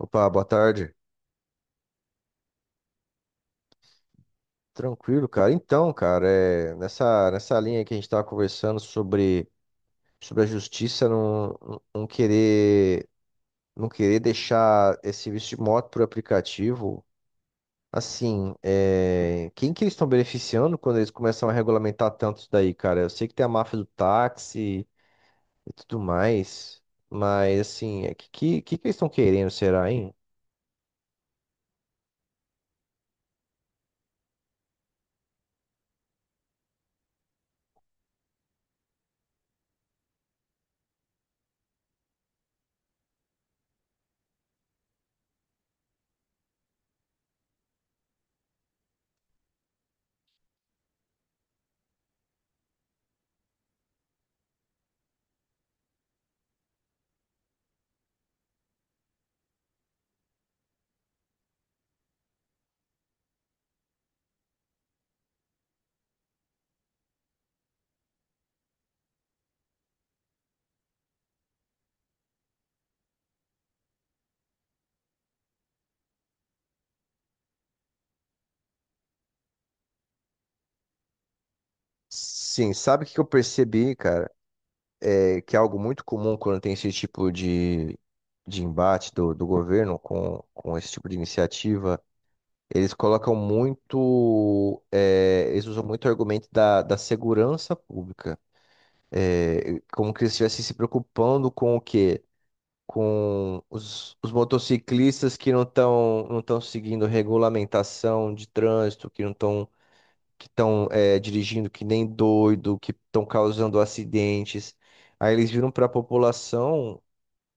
Opa, boa tarde. Tranquilo, cara. Então, cara, nessa linha que a gente estava conversando sobre a justiça não querer deixar esse serviço de moto por aplicativo, assim, quem que eles estão beneficiando quando eles começam a regulamentar tanto isso daí, cara? Eu sei que tem a máfia do táxi e tudo mais, mas, assim, que eles estão querendo, será, hein? Sim, sabe o que que eu percebi, cara? Que é algo muito comum quando tem esse tipo de embate do governo com esse tipo de iniciativa. Eles colocam muito, eles usam muito o argumento da segurança pública. É como que eles estivessem se preocupando com o quê? Com os motociclistas que não estão seguindo regulamentação de trânsito, que estão dirigindo que nem doido, que estão causando acidentes. Aí eles viram para a população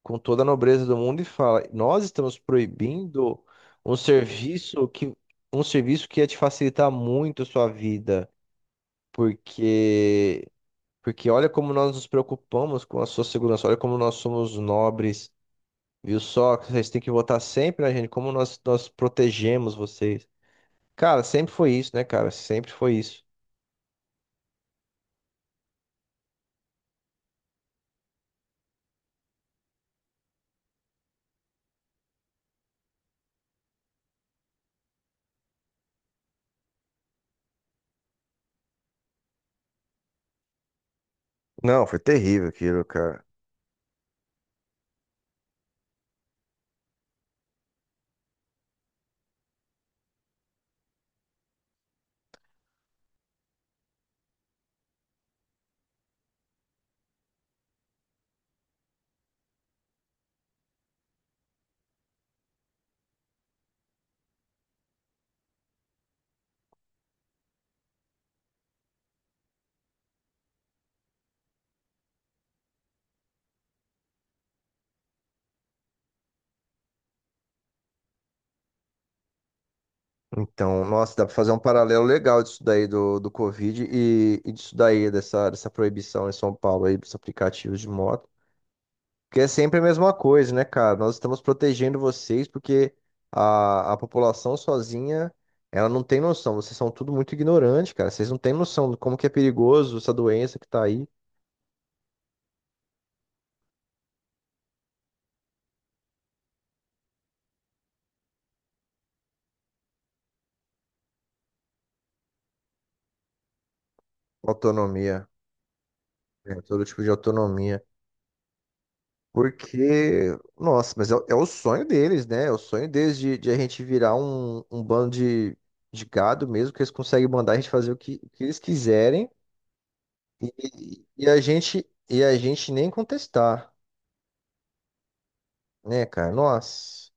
com toda a nobreza do mundo e fala: "Nós estamos proibindo um serviço que um serviço que ia te facilitar muito a sua vida, porque olha como nós nos preocupamos com a sua segurança, olha como nós somos nobres, viu só? Vocês têm que votar sempre na gente, como nós protegemos vocês." Cara, sempre foi isso, né, cara? Sempre foi isso. Não, foi terrível aquilo, cara. Então, nossa, dá pra fazer um paralelo legal disso daí do Covid e disso daí, dessa proibição em São Paulo aí dos aplicativos de moto. Porque é sempre a mesma coisa, né, cara? Nós estamos protegendo vocês porque a população sozinha, ela não tem noção. Vocês são tudo muito ignorantes, cara. Vocês não têm noção de como que é perigoso essa doença que tá aí. Autonomia, né? Todo tipo de autonomia. Porque, nossa, é o sonho deles, né? É o sonho deles de a gente virar um bando de gado mesmo, que eles conseguem mandar a gente fazer o que eles quiserem e a gente, e a gente nem contestar, né, cara? Nossa.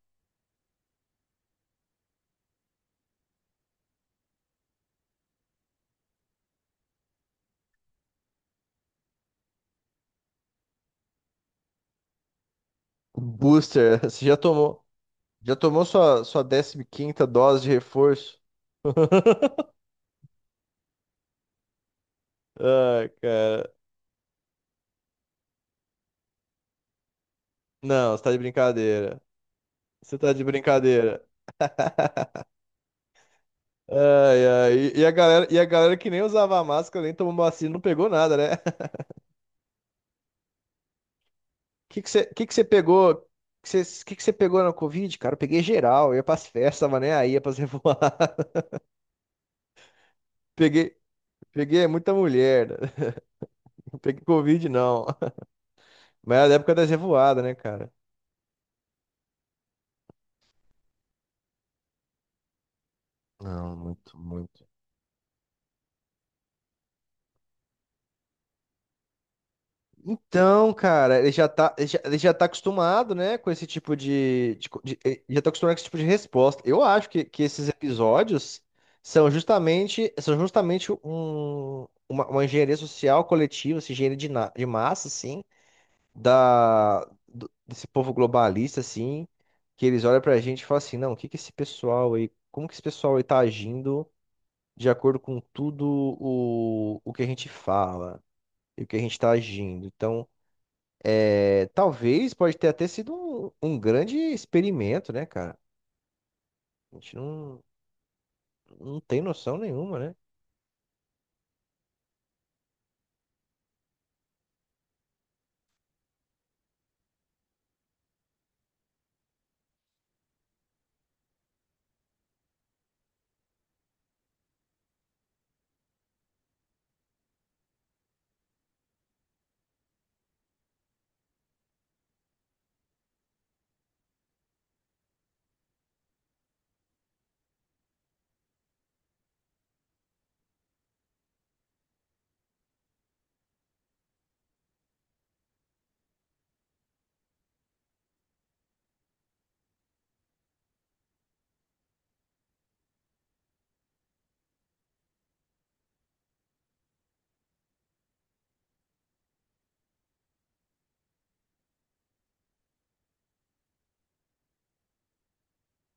Booster, você já tomou sua décima quinta dose de reforço? Ah, cara. Não, você tá de brincadeira. Você tá de brincadeira. Ai, ai. E a galera, e a galera que nem usava máscara, nem tomou vacina, não pegou nada, né? O que que você pegou? O que você pegou na Covid, cara? Eu peguei geral, eu ia pras festas, tava nem aí, ia pras revoadas. Peguei, Peguei muita mulher, né? Não peguei Covid, não. Mas era a época das revoadas, né, cara? Não, muito, muito. Então, cara, ele já tá acostumado, né, com esse tipo ele já tá acostumado com esse tipo de resposta. Eu acho que esses episódios são justamente uma engenharia social coletiva, assim, de massa, assim, desse povo globalista, assim, que eles olham pra gente e falam assim, não, o que que esse pessoal aí, como que esse pessoal aí tá agindo de acordo com tudo o que a gente fala e o que a gente tá agindo. Então talvez pode ter até sido um grande experimento, né, cara? A gente não, não tem noção nenhuma, né?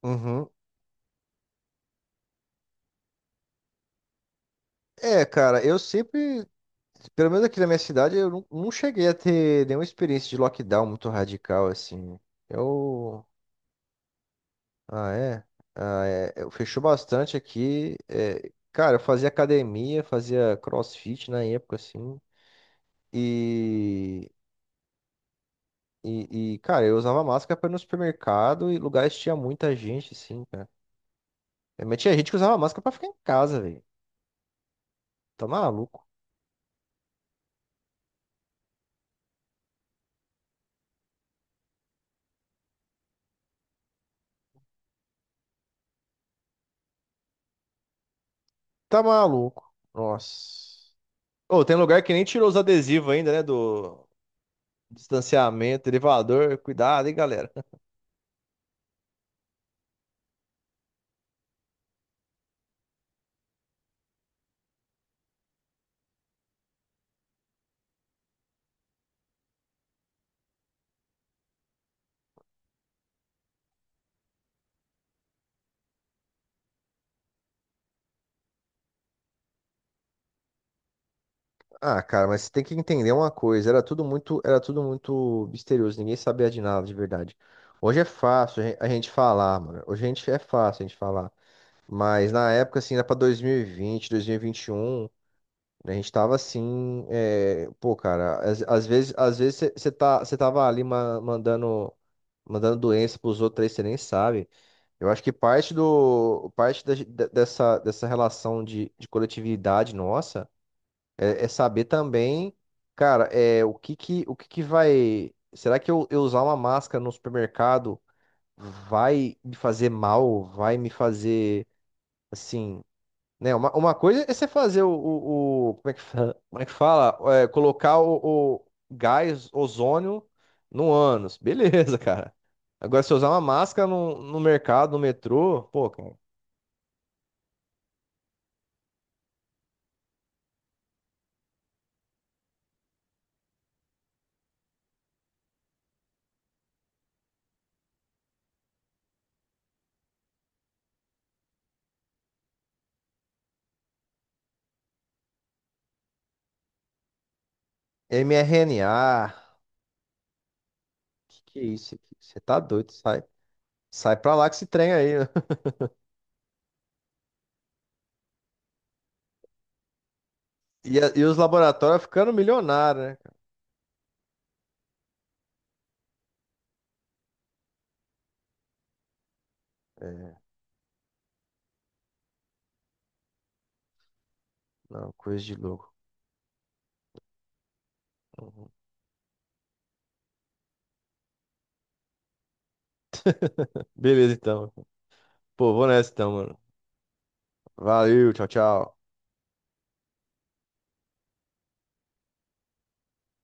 Uhum. É, cara, eu sempre, pelo menos aqui na minha cidade, eu não, não cheguei a ter nenhuma experiência de lockdown muito radical, assim. Eu. Ah, é? Ah, é. Eu fechou bastante aqui. Cara, eu fazia academia, fazia crossfit na época, assim. E. Cara, eu usava máscara para ir no supermercado e lugares que tinha muita gente, assim, cara. Mas tinha gente que usava máscara pra ficar em casa, velho. Tá maluco. Tá maluco. Nossa. Ô, tem lugar que nem tirou os adesivos ainda, né? Do distanciamento, elevador. Cuidado, hein, galera. Ah, cara, mas você tem que entender uma coisa. Era tudo muito misterioso. Ninguém sabia de nada, de verdade. Hoje é fácil a gente falar, mano. Hoje a gente é fácil a gente falar. Mas na época, assim, era pra 2020, 2021. A gente tava assim, é, pô, cara, às vezes você você tava ali mandando, mandando doença pros outros aí, você nem sabe. Eu acho que parte do, parte da- de- dessa, dessa relação de coletividade nossa é saber também, cara, o que que vai, será que eu usar uma máscara no supermercado vai me fazer mal? Vai me fazer, assim, né? Uma coisa é você fazer como é que fala? Como é que fala? É, colocar o gás ozônio no ânus. Beleza, cara. Agora, se eu usar uma máscara no mercado, no metrô, pô, cara, mRNA. Que é isso aqui? Você tá doido, sai. Sai pra lá que esse trem aí. E, e os laboratórios ficando milionários, né? É, não, coisa de louco. Uhum. Beleza, então. Pô, vou nessa então, mano. Valeu, tchau, tchau.